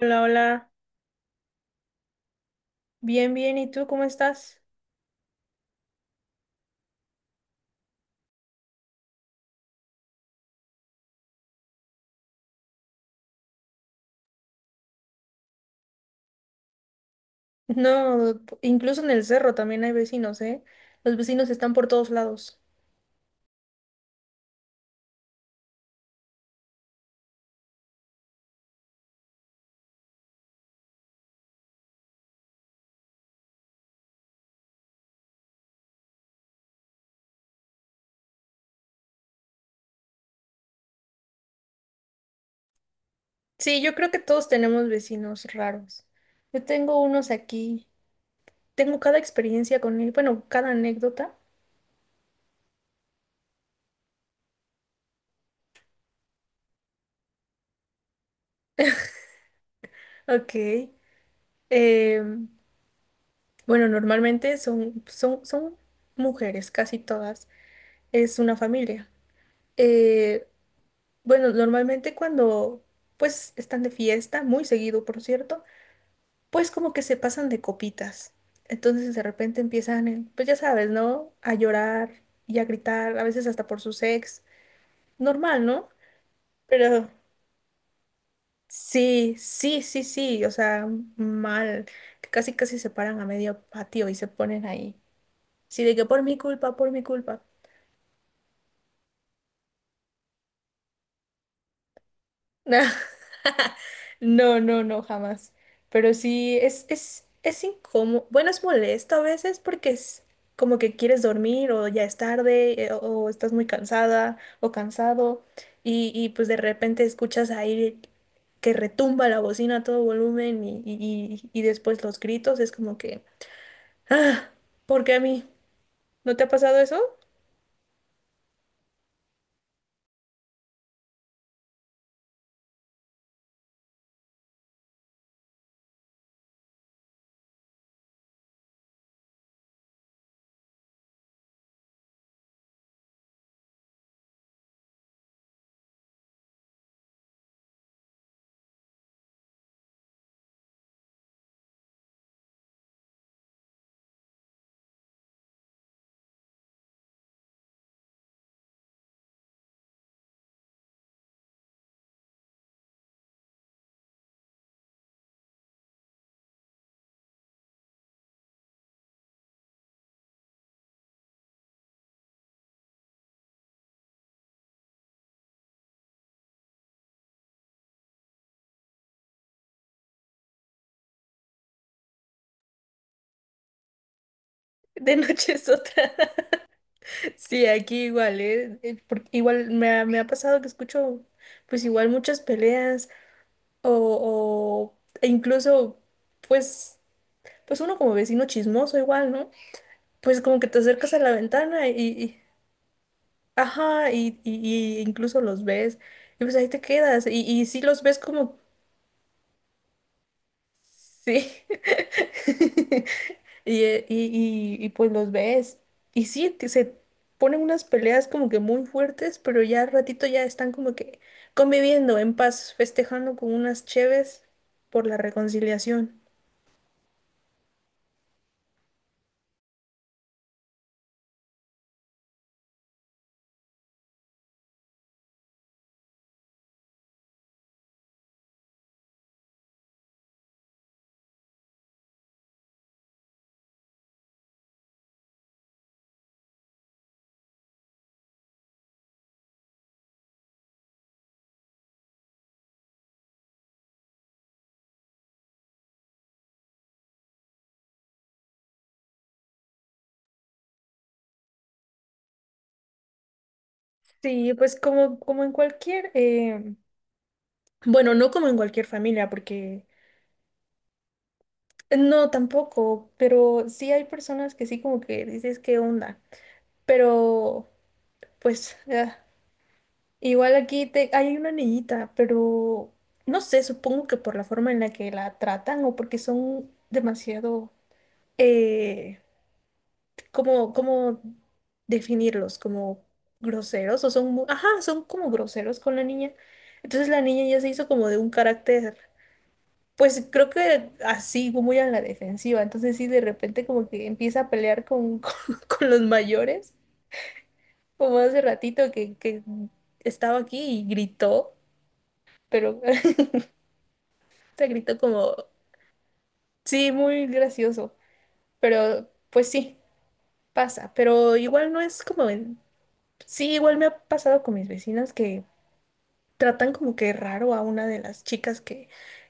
Hola, hola. Bien, bien. ¿Y tú cómo estás? No, incluso en el cerro también hay vecinos, ¿eh? Los vecinos están por todos lados. Sí, yo creo que todos tenemos vecinos raros. Yo tengo unos aquí. Tengo cada experiencia con él, bueno, cada anécdota. Ok. Em, bueno, normalmente son mujeres, casi todas. Es una familia. Eh, bueno, normalmente cuando pues están de fiesta, muy seguido, por cierto. Pues como que se pasan de copitas. Entonces de repente empiezan, pues ya sabes, ¿no? A llorar y a gritar, a veces hasta por sus ex. Normal, ¿no? Pero sí, sí, sí, sí, o sea, mal, que casi casi se paran a medio patio y se ponen ahí. Sí, de que por mi culpa, por mi culpa. No, no, no, no, jamás. Pero sí, es incómodo. Bueno, es molesto a veces porque es como que quieres dormir o ya es tarde o estás muy cansada o cansado y pues de repente escuchas ahí que retumba la bocina a todo volumen y después los gritos. Es como que, ah, ¿por qué a mí? ¿No te ha pasado eso? De noche es otra. Sí, aquí igual, ¿eh? Igual me ha pasado que escucho pues igual muchas peleas e incluso pues pues uno como vecino chismoso igual, ¿no? Pues como que te acercas a la ventana ajá, y incluso los ves y pues ahí te quedas y sí los ves como Sí. Y pues los ves. Y sí, que se ponen unas peleas como que muy fuertes, pero ya al ratito ya están como que conviviendo en paz, festejando con unas cheves por la reconciliación. Sí, pues como, como en cualquier, bueno, no como en cualquier familia, porque no tampoco, pero sí hay personas que sí como que dices, ¿qué onda? Pero pues... ah, igual aquí te, hay una niñita, pero no sé, supongo que por la forma en la que la tratan o porque son demasiado, eh, como, cómo definirlos, como groseros o son, ajá, son como groseros con la niña. Entonces la niña ya se hizo como de un carácter, pues creo que así, como muy a la defensiva. Entonces sí, de repente como que empieza a pelear con, con los mayores, como hace ratito que estaba aquí y gritó, pero... Se gritó como, sí, muy gracioso, pero pues sí, pasa, pero igual no es como en... Sí, igual me ha pasado con mis vecinas que tratan como que raro a una de las chicas que,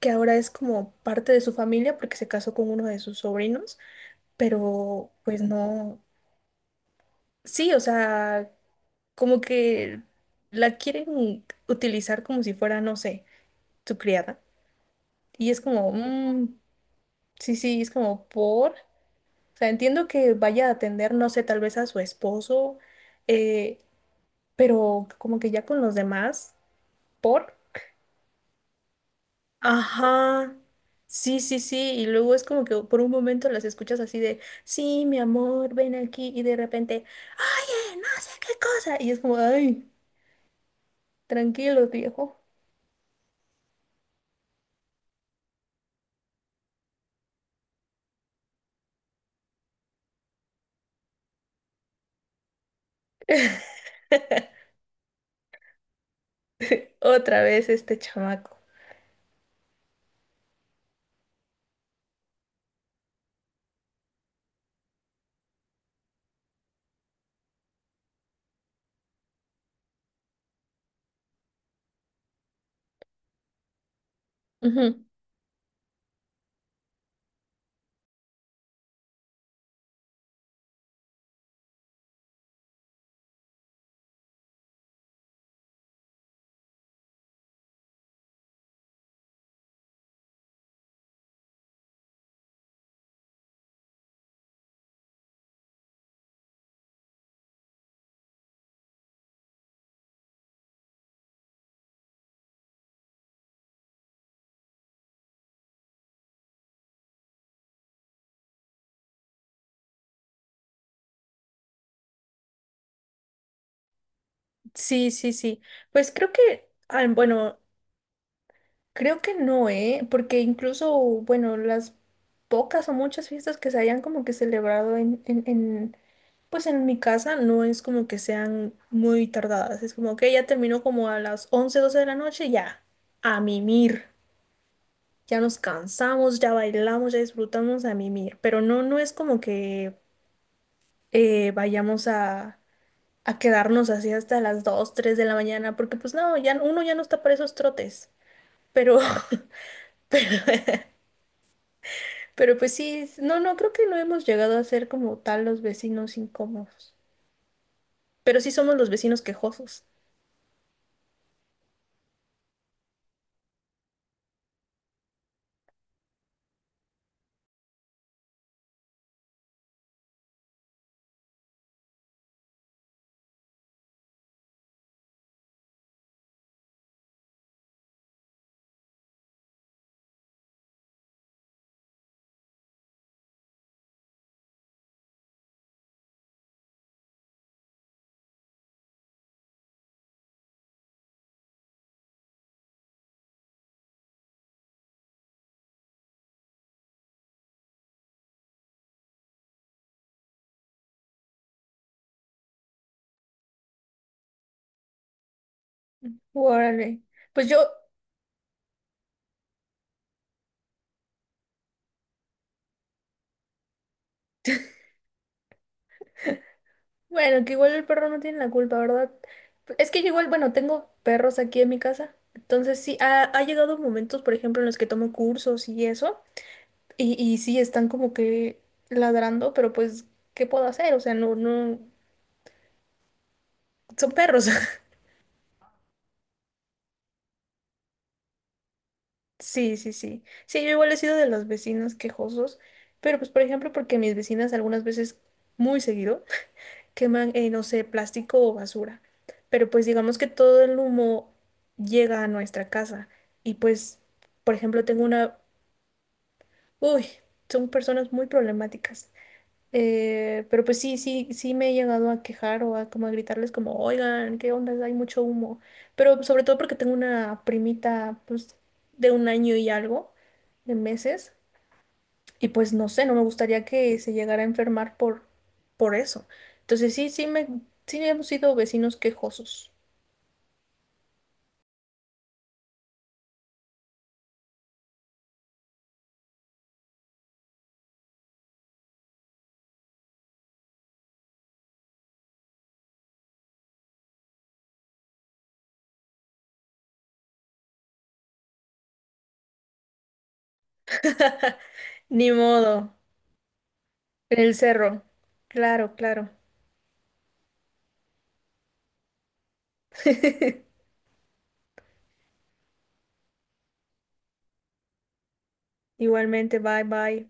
que ahora es como parte de su familia porque se casó con uno de sus sobrinos, pero pues no, sí, o sea, como que la quieren utilizar como si fuera, no sé, su criada. Y es como, sí, sí, es como por... O sea, entiendo que vaya a atender, no sé, tal vez a su esposo, eh, pero como que ya con los demás, ¿por? Ajá. Sí, sí, sí. Y luego es como que por un momento las escuchas así de, sí, mi amor, ven aquí. Y de repente, oye, no sé qué cosa. Y es como, ay, tranquilo, viejo. Otra vez este chamaco. Ujú. Sí, sí, sí. Pues creo que, ah, bueno, creo que no, ¿eh? Porque incluso, bueno, las pocas o muchas fiestas que se hayan como que celebrado pues en mi casa no es como que sean muy tardadas. Es como que ya terminó como a las 11 12 de la noche, ya, a mimir. Ya nos cansamos, ya bailamos, ya disfrutamos a mimir. Pero no, no es como que vayamos a quedarnos así hasta las 2 3 de la mañana, porque pues no, ya uno ya no está para esos trotes. Pero... Pero pues sí, no, no, creo que no hemos llegado a ser como tal los vecinos incómodos. Pero sí somos los vecinos quejosos. Órale. Pues yo, bueno, que igual el perro no tiene la culpa, ¿verdad? Es que yo igual, bueno, tengo perros aquí en mi casa. Entonces sí, ha llegado momentos, por ejemplo, en los que tomo cursos y eso. Y sí, están como que ladrando, pero pues, ¿qué puedo hacer? O sea, no, no, son perros. Sí, sí, sí. Sí, yo igual he sido de los vecinos quejosos, pero pues por ejemplo porque mis vecinas algunas veces, muy seguido, queman, no sé, plástico o basura. Pero pues digamos que todo el humo llega a nuestra casa y pues, por ejemplo, tengo una... Uy, son personas muy problemáticas. Pero pues sí, sí, sí me he llegado a quejar o a como a gritarles como, oigan, ¿qué onda? Hay mucho humo. Pero sobre todo porque tengo una primita pues de un año y algo de meses y pues no sé, no me gustaría que se llegara a enfermar por eso. Entonces sí, sí me, sí hemos sido vecinos quejosos. Ni modo, en el cerro. Claro, claro. Igualmente, bye, bye.